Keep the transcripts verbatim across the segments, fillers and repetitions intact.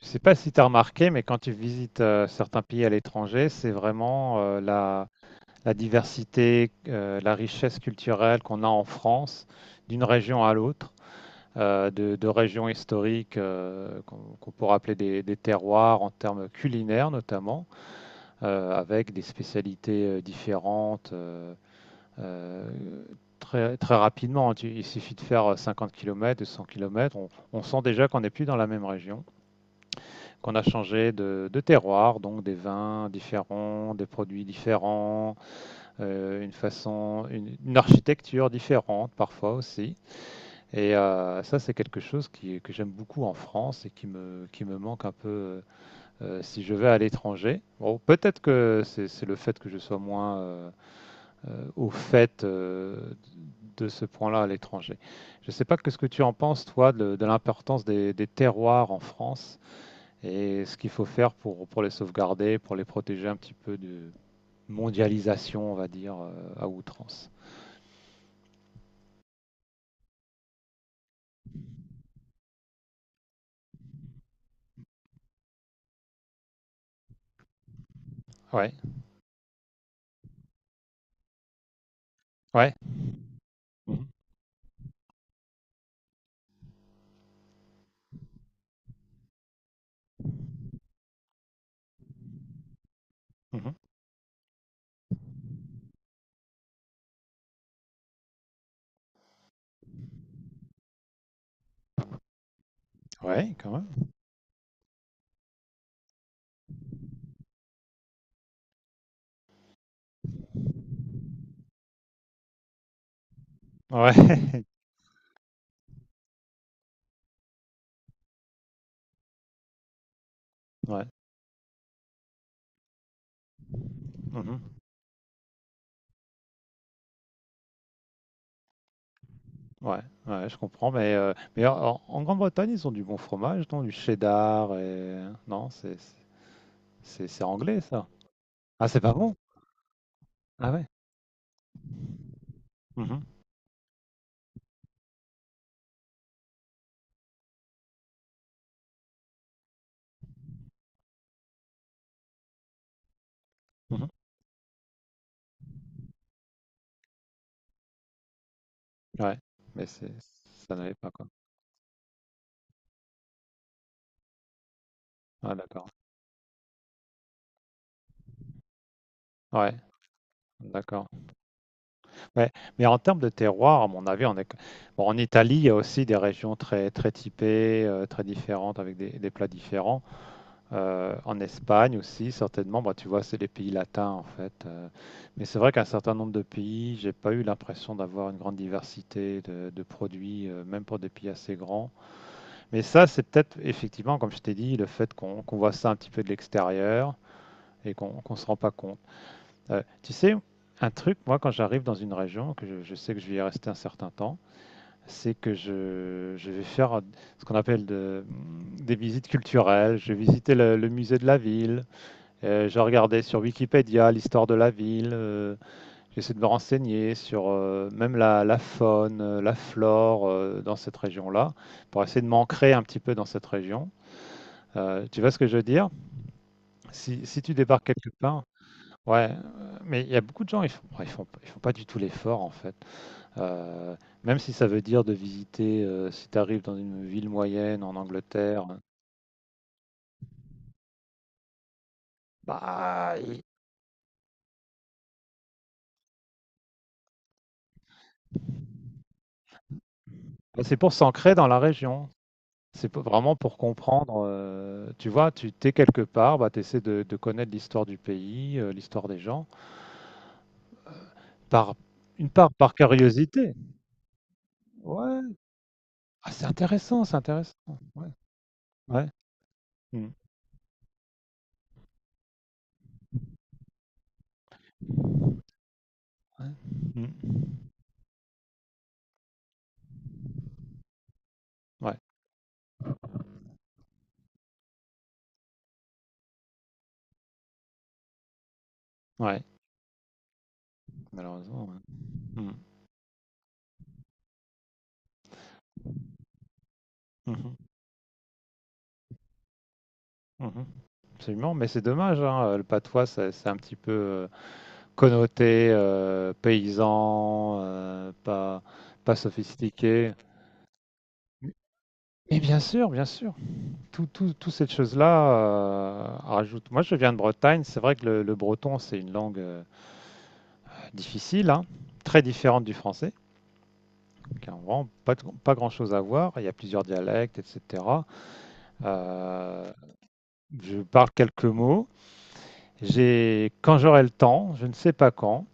Je sais pas si tu as remarqué, mais quand tu visites euh, certains pays à l'étranger, c'est vraiment euh, la, la diversité, euh, la richesse culturelle qu'on a en France, d'une région à l'autre, euh, de, de régions historiques euh, qu'on qu'on pourrait appeler des, des terroirs en termes culinaires notamment, euh, avec des spécialités euh, différentes. euh, euh, Très, très rapidement, Tu- il suffit de faire cinquante kilomètres, cent kilomètres, on, on sent déjà qu'on n'est plus dans la même région, qu'on a changé de, de terroir, donc des vins différents, des produits différents, euh, une façon, une, une architecture différente parfois aussi. Et euh, ça, c'est quelque chose qui, que j'aime beaucoup en France et qui me, qui me manque un peu euh, si je vais à l'étranger. Bon, peut-être que c'est c'est le fait que je sois moins euh, euh, au fait euh, de ce point-là à l'étranger. Je ne sais pas qu'est-ce que tu en penses, toi, de, de l'importance des, des terroirs en France et ce qu'il faut faire pour, pour les sauvegarder, pour les protéger un petit peu de mondialisation, on va dire, euh, à outrance. Ouais, ouais. Mhm. Mhm. Ouais, quand même. Ouais, ouais. Mhm. Ouais, ouais, je comprends, mais, euh, mais en, en Grande-Bretagne, ils ont du bon fromage, non? Du cheddar et... Non, c'est c'est- c'est anglais, ça. Ah, c'est pas bon? Ah ouais. Mhm. Mhm. Ouais, mais c'est ça n'allait pas, quoi. Ah, d'accord. Ouais, d'accord. Ouais, mais en termes de terroir, à mon avis, on est... Bon, en Italie, il y a aussi des régions très, très typées, euh, très différentes, avec des, des plats différents. Euh, en Espagne aussi, certainement, bah, tu vois, c'est les pays latins, en fait. euh. Mais c'est vrai qu'un certain nombre de pays, j'ai pas eu l'impression d'avoir une grande diversité de, de produits, euh, même pour des pays assez grands. Mais ça, c'est peut-être, effectivement, comme je t'ai dit, le fait qu'on qu'on voit ça un petit peu de l'extérieur et qu'on qu'on se rend pas compte. Euh, tu sais, un truc, moi, quand j'arrive dans une région, que je, je sais que je vais y rester un certain temps, c'est que je, je vais faire ce qu'on appelle de- des visites culturelles. Je vais visiter le, le musée de la ville, euh, je regardais sur Wikipédia l'histoire de la ville, euh, j'essaie de me renseigner sur euh, même la, la faune, euh, la flore euh, dans cette région-là, pour essayer de m'ancrer un petit peu dans cette région. Euh, tu vois ce que je veux dire? Si, si tu débarques quelque part, ouais, heu, mais il y a beaucoup de gens, ils font ils font ils font pas du tout l'effort en fait. Heu, même si ça veut dire de visiter, heu, si tu arrives dans une ville moyenne en Angleterre, bah, i bah, c'est pour s'ancrer dans la région. C'est p vraiment pour comprendre, heu, tu vois? Tu t'es quelque part, bah, tu essaies de de connaître l'histoire du pays, heu, l'histoire des gens, par une part par curiosité. Ouais, ah, c'est intéressant, c'est intéressant. Ouais, ouais. Mmh. Ouais. Mmh. Ouais, ouais, malheureusement, ouais. Mmh. Mmh mh. Mmh. Absolument, mais c'est dommage, hein, le patois, c'est c'est un petit peu, heu, connoté, heu, paysan, heu, pas pas sophistiqué. Mais bien sûr, bien sûr, tout tout toutes ces choses là heu, rajoute, moi je viens de Bretagne, c'est vrai que le le breton, c'est une langue, heu, difficile, hein, très différente du français, qui a vraiment pas de pas grand-chose à voir. Il y a plusieurs dialectes et cetera. Heu, je parle quelques mots. J'ai quand j'aurai le temps, je ne sais pas quand,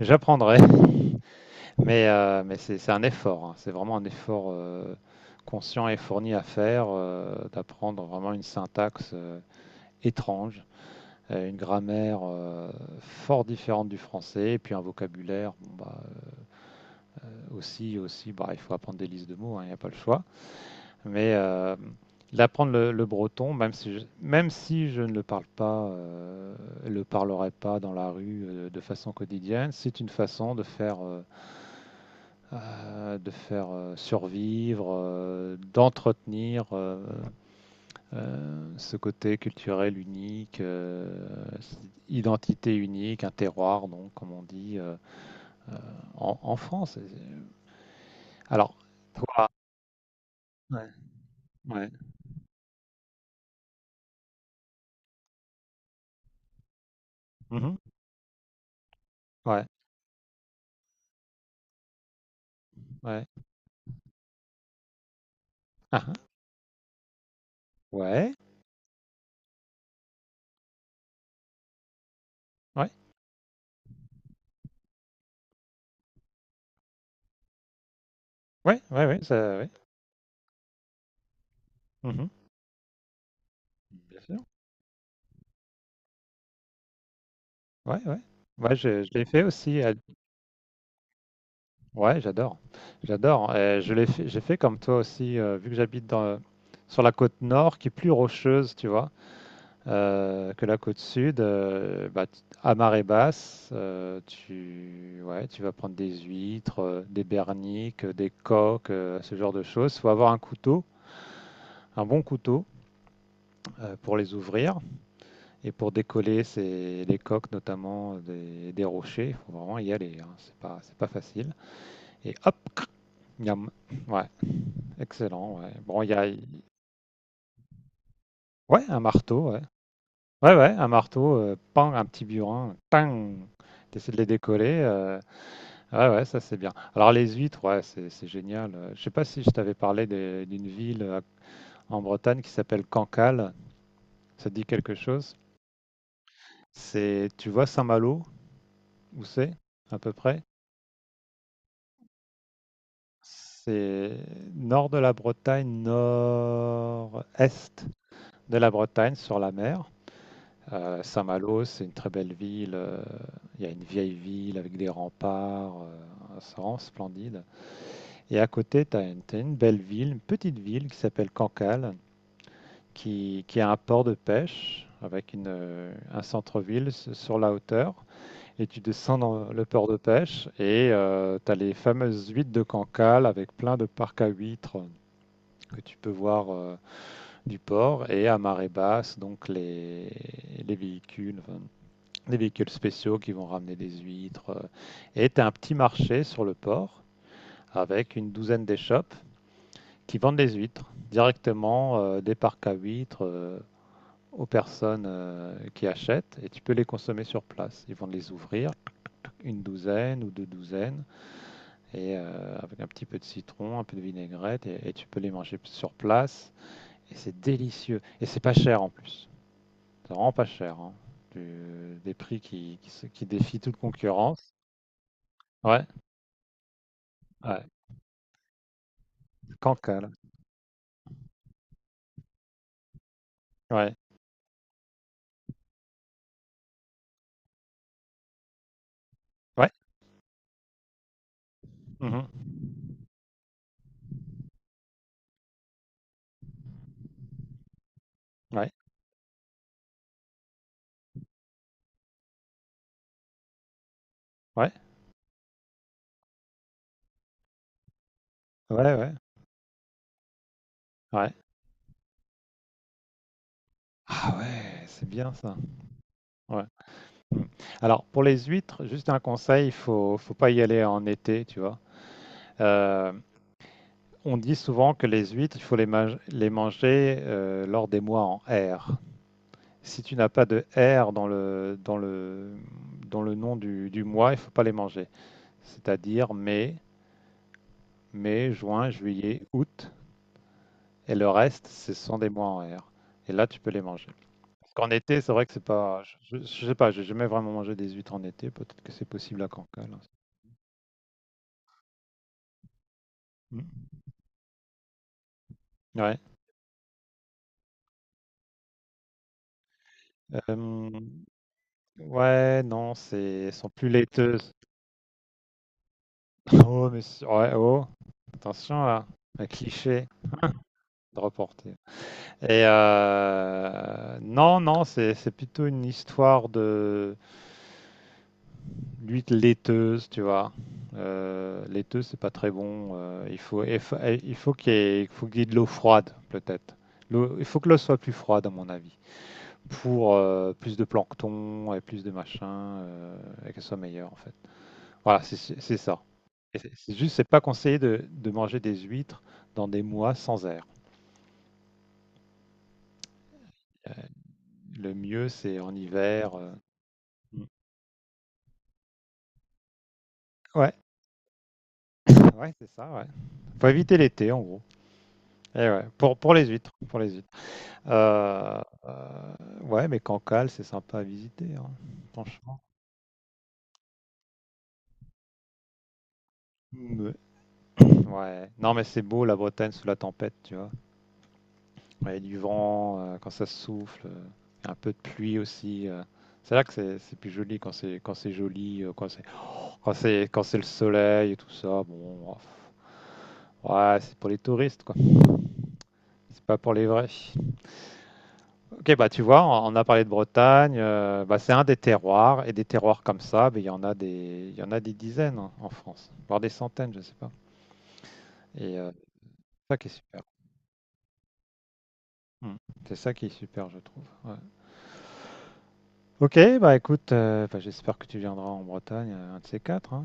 j'apprendrai, mais, euh, mais c'est c'est un effort, hein. C'est vraiment un effort euh, conscient et fourni à faire, euh, d'apprendre vraiment une syntaxe euh, étrange, euh, une grammaire euh, fort différente du français, et puis un vocabulaire. Bon, bah, euh, aussi, aussi, bah, il faut apprendre des listes de mots, hein, il n'y a pas le choix. Mais euh, d'apprendre le, le breton, même si je, même si je ne le parle pas, euh, le parlerai pas dans la rue euh, de façon quotidienne, c'est une façon de faire. euh, euh, de faire euh, survivre, euh, d'entretenir euh, euh, ce côté culturel unique, euh, cette identité unique, un terroir, donc, comme on dit euh, euh, en, en France. Alors, toi, ouais, ouais, mhm, ouais, ouais, ah, ah, ouais, ouais, ouais, ouais, ouais, ça, ouais, mhm, bien sûr, ouais, ouais. Ouais, je, je l'ai fait aussi à. Ouais, j'adore. J'adore. Euh, je l'ai fait, j'ai fait comme toi aussi, euh, vu que j'habite dans, sur la côte nord, qui est plus rocheuse, tu vois, euh, que la côte sud. Euh, bah, t- à marée basse, euh, tu, ouais, tu vas prendre des huîtres, euh, des berniques, euh, des coques, euh, ce genre de choses. Faut avoir un couteau, un bon couteau, euh, pour les ouvrir et pour décoller ces, les coques, notamment euh, des, des rochers. Il faut vraiment y aller, hein. C'est pas, c'est pas facile. Et hop, cric, miam. Ouais. Excellent, ouais. Bon, il y a ouais, un marteau, ouais. Ouais, ouais, un marteau, euh, pan, un petit burin, tang. T'essaies de les décoller. Euh, ouais, ouais, ça c'est bien. Alors les huîtres, ouais, c'est c'est génial. Euh, Je sais pas si je t'avais parlé des- d'une ville euh, en Bretagne qui s'appelle Cancale. Ça te dit quelque chose? C'est, tu vois Saint-Malo, où c'est, à peu près? C'est nord de la Bretagne, nord-est de la Bretagne, sur la mer. Euh, Saint-Malo, c'est une très belle ville. euh, Il y a une vieille ville avec des remparts. Euh, c'est vraiment splendide. Et à côté, tu as une, t'as une belle ville, une petite ville qui s'appelle Cancale, qui, qui a un port de pêche avec une, euh, un centre-ville s- sur la hauteur. Et tu descends dans le port de pêche et tu as les fameuses huîtres de Cancale avec plein de parcs à huîtres que tu peux voir euh, du port, et à marée basse, donc les, les véhicules, enfin, des véhicules spéciaux qui vont ramener des huîtres. euh, Et tu as un petit marché sur le port avec une douzaine d'échoppes qui vendent des huîtres directement euh, des parcs à huîtres euh, aux personnes euh, qui achètent, et tu peux les consommer sur place. Ils vont les ouvrir une douzaine ou deux douzaines et euh, avec un petit peu de citron, un peu de vinaigrette, et, et tu peux les manger sur place, et c'est délicieux, et c'est pas cher en plus. C'est vraiment pas cher, hein. Du- des prix qui, qui se- qui défient toute concurrence. Ouais. Ouais. Cancale. Ouais. Ouais. Mhm. Ouais. Ouais. Ouais, ouais. Ouais. Ah ouais, c'est bien ça. Ouais. Mm. Alors, pour les huîtres, juste un conseil, il faut, faut pas y aller en été, tu vois. Euh, on dit souvent que les huîtres, il faut les, ma- les manger euh, lors des mois en R. Si tu n'as pas de R dans le, dans le, dans le nom du, du mois, il faut pas les manger. C'est-à-dire mai, mai, juin, juillet, août, et le reste, ce sont des mois en R. Et là, tu peux les manger. Qu'en été, c'est vrai que c'est pas. Je, je sais pas, j'ai jamais vraiment mangé des huîtres en été. Peut-être que c'est possible à Cancale. Mm. Ouais. Euh, ouais, non, c'est elles sont plus laiteuses. Oh, mais c'est- ouais, oh. Attention là, un cliché de reporter. Et euh, non, non, c'est c'est plutôt une histoire de l'huile laiteuse, tu vois. Euh, laiteuse, c'est pas très bon. Euh, il faut, il faut il faut qu'il y ait, il faut qu'il y ait de l'eau froide, peut-être. L'eau- Il faut que l'eau soit plus froide, à mon avis, pour euh, plus de plancton et plus de machin, euh, et qu'elle soit meilleure, en fait. Voilà, c'est c'est- c'est ça. Et C'est c'est juste, c'est pas conseillé de, de manger des huîtres dans des mois sans air. Euh, le mieux, c'est en hiver. euh. Mm. Ouais, ouais, c'est ça, ouais. Faut éviter l'été, en gros. Et ouais, pour, pour les huîtres, pour les huîtres. Euh, euh, ouais, mais Cancale, c'est sympa à visiter, hein, franchement. Ouais. Ouais. Non, mais c'est beau la Bretagne sous la tempête, tu vois. Ouais, il y a du vent euh, quand ça souffle, euh, il y a un peu de pluie aussi. euh. C'est là que c'est c'est plus joli, quand c'est quand c'est joli, euh, quand c'est quand c'est quand c'est le soleil et tout ça. Bon, ouais, c'est pour les touristes quoi. C'est pas pour les vrais. Ok, bah tu vois, on on a parlé de Bretagne, euh, bah, c'est un des terroirs, et des terroirs comme ça, mais il y en a des, il y en a des dizaines, hein, en France, voire des centaines, je sais pas. Et euh, c'est ça qui est super. Mm. C'est ça qui est super, je trouve. Ouais. Ok, bah écoute, euh, bah, j'espère que tu viendras en Bretagne, euh, un de ces quatre, hein.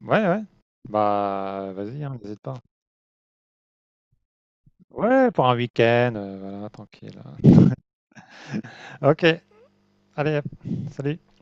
Ouais, ouais. Bah euh, vas-y, hein, n'hésite pas. Ouais, pour un week-end, euh, voilà, tranquille, hein. Ok, allez, hop, salut.